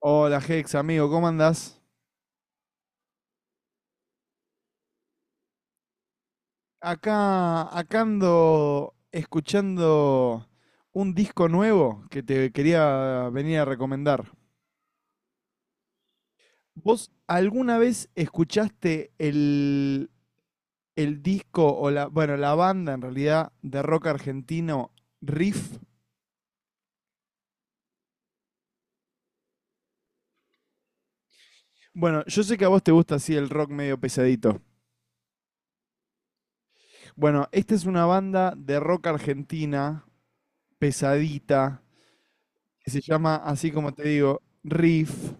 Hola Hex, amigo, ¿cómo andás? Acá ando escuchando un disco nuevo que te quería venir a recomendar. ¿Vos alguna vez escuchaste el disco o la, bueno, la banda en realidad de rock argentino Riff? Bueno, yo sé que a vos te gusta así el rock medio pesadito. Bueno, esta es una banda de rock argentina, pesadita, que se llama, así como te digo, Riff.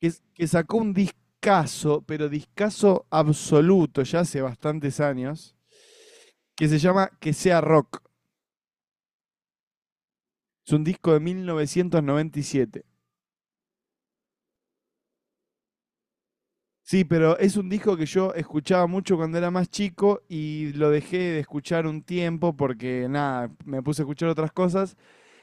Que sacó un discazo, pero discazo absoluto ya hace bastantes años, que se llama Que sea rock. Es un disco de 1997. Sí, pero es un disco que yo escuchaba mucho cuando era más chico y lo dejé de escuchar un tiempo porque nada, me puse a escuchar otras cosas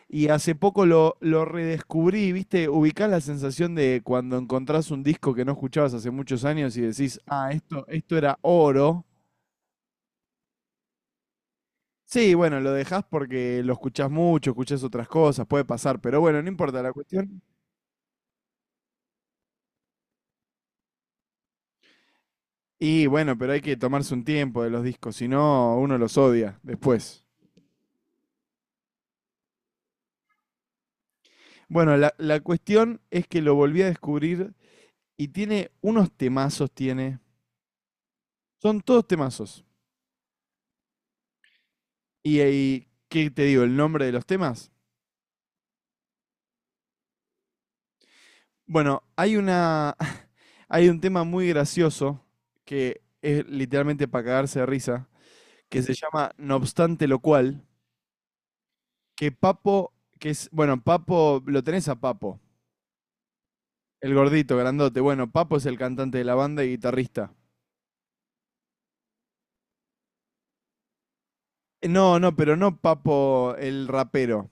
y hace poco lo redescubrí, ¿viste? Ubicás la sensación de cuando encontrás un disco que no escuchabas hace muchos años y decís, ah, esto era oro. Sí, bueno, lo dejás porque lo escuchás mucho, escuchás otras cosas, puede pasar, pero bueno, no importa la cuestión. Y bueno, pero hay que tomarse un tiempo de los discos, si no, uno los odia después. Bueno, la cuestión es que lo volví a descubrir y tiene unos temazos, tiene. Son todos temazos. Y, ahí, ¿qué te digo? ¿El nombre de los temas? Bueno, hay una. Hay un tema muy gracioso que es literalmente para cagarse de risa, que se llama No obstante lo cual. Que Papo, que es, bueno, Papo, lo tenés a Papo, el gordito, grandote. Bueno, Papo es el cantante de la banda y guitarrista. No, no, pero no Papo, el rapero.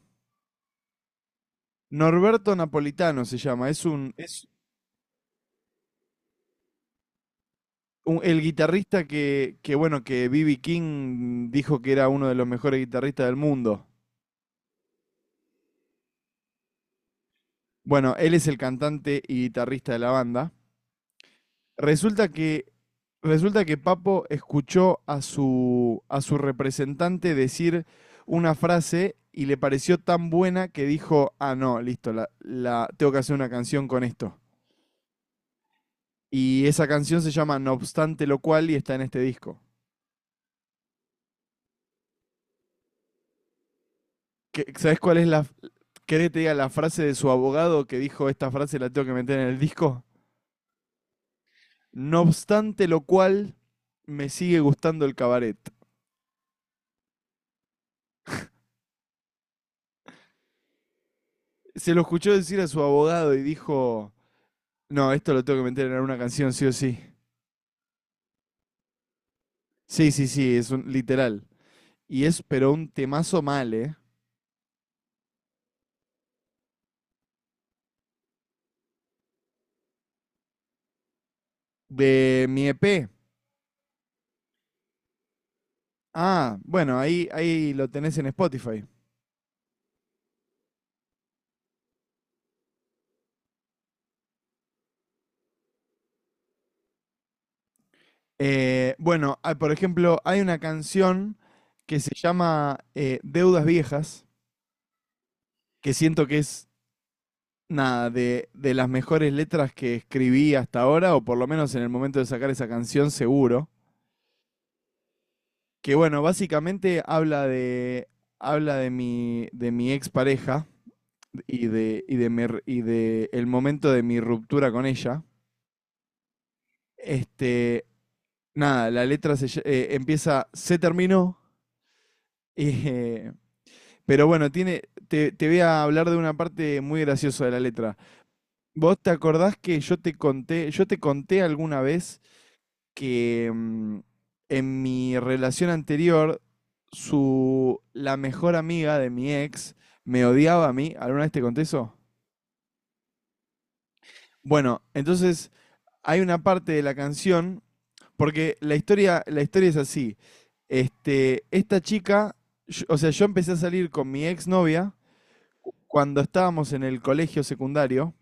Norberto Napolitano se llama, es el guitarrista que B.B. King dijo que era uno de los mejores guitarristas del mundo. Bueno, él es el cantante y guitarrista de la banda. Resulta que, resulta que Papo escuchó a a su representante decir una frase y le pareció tan buena que dijo, ah, no, listo, tengo que hacer una canción con esto. Y esa canción se llama No obstante lo cual y está en este disco. ¿Qué- ¿Sabés cuál es querés que te diga la frase de su abogado que dijo esta frase la tengo que meter en el disco? No obstante lo cual, me sigue gustando el cabaret. Se lo escuchó decir a su abogado y dijo, no, esto lo tengo que meter en una canción, sí o sí. Sí, sí, sí, es un literal. Y es, pero un temazo mal, ¿eh? De mi EP. Ah, bueno, ahí lo tenés en Spotify. Bueno, ah, por ejemplo, hay una canción que se llama Deudas Viejas, que siento que es, nada, de las mejores letras que escribí hasta ahora, o por lo menos en el momento de sacar esa canción, seguro. Que bueno, básicamente habla de mi expareja y y de el momento de mi ruptura con ella. Este, nada, la letra se, empieza, se terminó. eh, pero bueno, tiene, te voy a hablar de una parte muy graciosa de la letra. ¿Vos te acordás que yo te conté alguna vez que en mi relación anterior, la mejor amiga de mi ex me odiaba a mí? ¿Alguna vez te conté eso? Bueno, entonces hay una parte de la canción, porque la historia es así. Este, esta chica, o sea, yo empecé a salir con mi exnovia cuando estábamos en el colegio secundario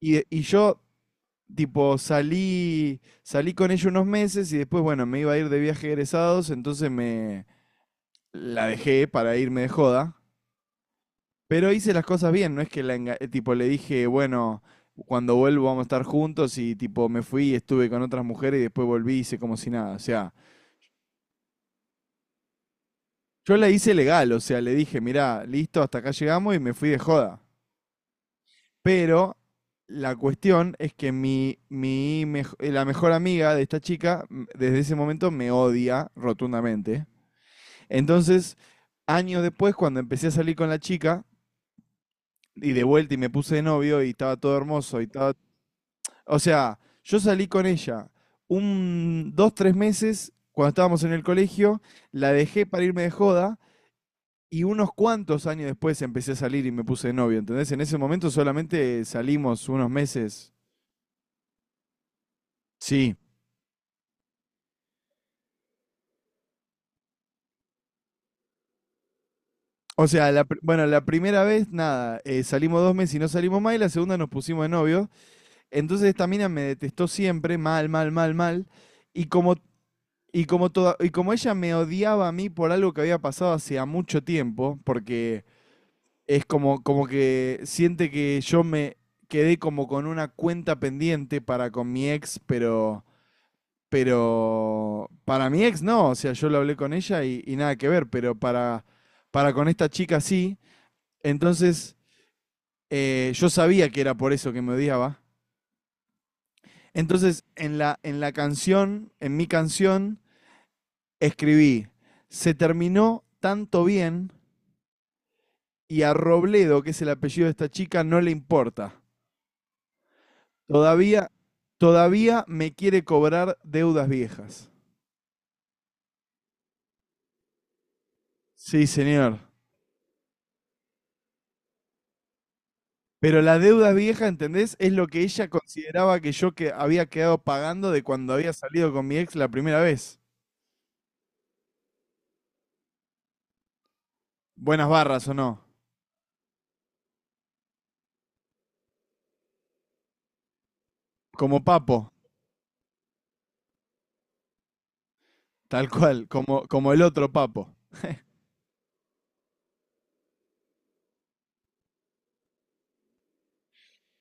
y yo, tipo, salí con ella unos meses y después, bueno, me iba a ir de viaje egresados, entonces me la dejé para irme de joda. Pero hice las cosas bien, no es que la tipo le dije, bueno, cuando vuelvo vamos a estar juntos y tipo me fui y estuve con otras mujeres y después volví y hice como si nada. O sea, yo la hice legal, o sea, le dije, mirá, listo, hasta acá llegamos y me fui de joda. Pero la cuestión es que la mejor amiga de esta chica desde ese momento me odia rotundamente. Entonces, años después, cuando empecé a salir con la chica y de vuelta y me puse de novio y estaba todo hermoso y estaba. O sea, yo salí con ella un, dos, tres meses cuando estábamos en el colegio, la dejé para irme de joda y unos cuantos años después empecé a salir y me puse de novio, ¿entendés? En ese momento solamente salimos unos meses. Sí. O sea, bueno, la primera vez, nada, salimos dos meses y no salimos más, y la segunda nos pusimos de novio. Entonces esta mina me detestó siempre, mal, mal, mal, mal. Y como, y como ella me odiaba a mí por algo que había pasado hace mucho tiempo, porque es como, como que siente que yo me quedé como con una cuenta pendiente para con mi ex, pero para mi ex no, o sea, yo lo hablé con ella y nada que ver, pero para con esta chica sí. Entonces, yo sabía que era por eso que me odiaba. Entonces, en la canción, en mi canción, escribí, se terminó tanto bien y a Robledo, que es el apellido de esta chica, no le importa. Todavía, todavía me quiere cobrar deudas viejas. Sí, señor. Pero las deudas viejas, ¿entendés? Es lo que ella consideraba que yo que había quedado pagando de cuando había salido con mi ex la primera vez. Buenas barras o no. Como Papo, tal cual, como, como el otro Papo.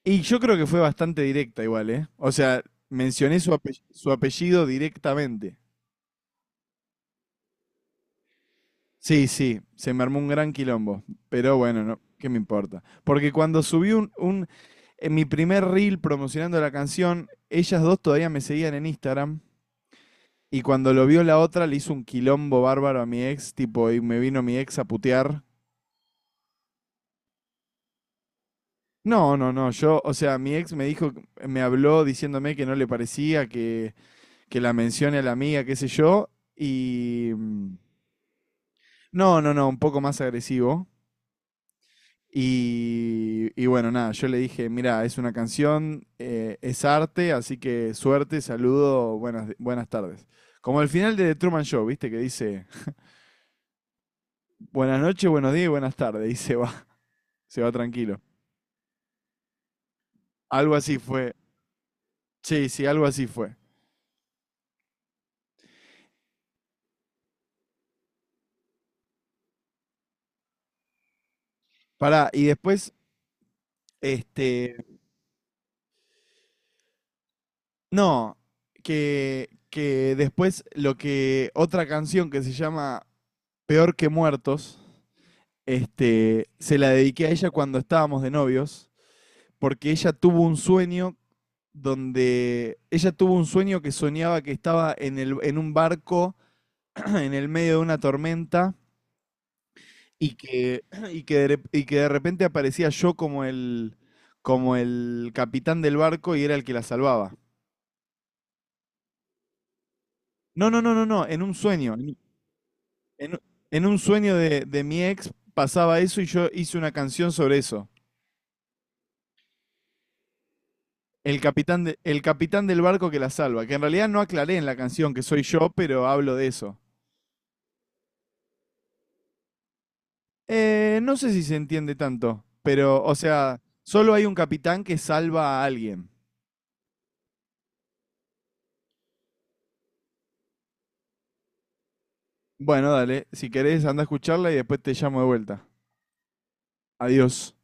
Y yo creo que fue bastante directa igual, ¿eh? O sea, mencioné su apellido directamente. Sí, sí, se me armó un gran quilombo, pero bueno, no, ¿qué me importa? Porque cuando subí en mi primer reel promocionando la canción, ellas dos todavía me seguían en Instagram y cuando lo vio la otra le hizo un quilombo bárbaro a mi ex, tipo, y me vino mi ex a putear. No, no, no, yo, o sea, mi ex me dijo, me habló diciéndome que no le parecía que la mencione a la amiga, qué sé yo, y... no, no, no, un poco más agresivo. Y bueno, nada, yo le dije, mira, es una canción, es arte, así que suerte, saludo, buenas tardes. Como el final de The Truman Show, ¿viste? Que dice, buenas noches, buenos días y buenas tardes, y se va, se va tranquilo. Algo así fue. Sí, sí, algo así fue. Pará, y después, este, no, que después lo que, otra canción que se llama Peor que Muertos, este, se la dediqué a ella cuando estábamos de novios. Porque ella tuvo un sueño que soñaba que estaba en, el, en un barco en el medio de una tormenta y que, y que de repente aparecía yo como como el capitán del barco y era el que la salvaba. No, no, no, no, no, en un sueño. En- en un sueño de mi ex pasaba eso y yo hice una canción sobre eso. El capitán del barco que la salva, que en realidad no aclaré en la canción que soy yo, pero hablo de eso. No sé si se entiende tanto, pero, o sea, solo hay un capitán que salva a alguien. Bueno, dale, si querés, anda a escucharla y después te llamo de vuelta. Adiós.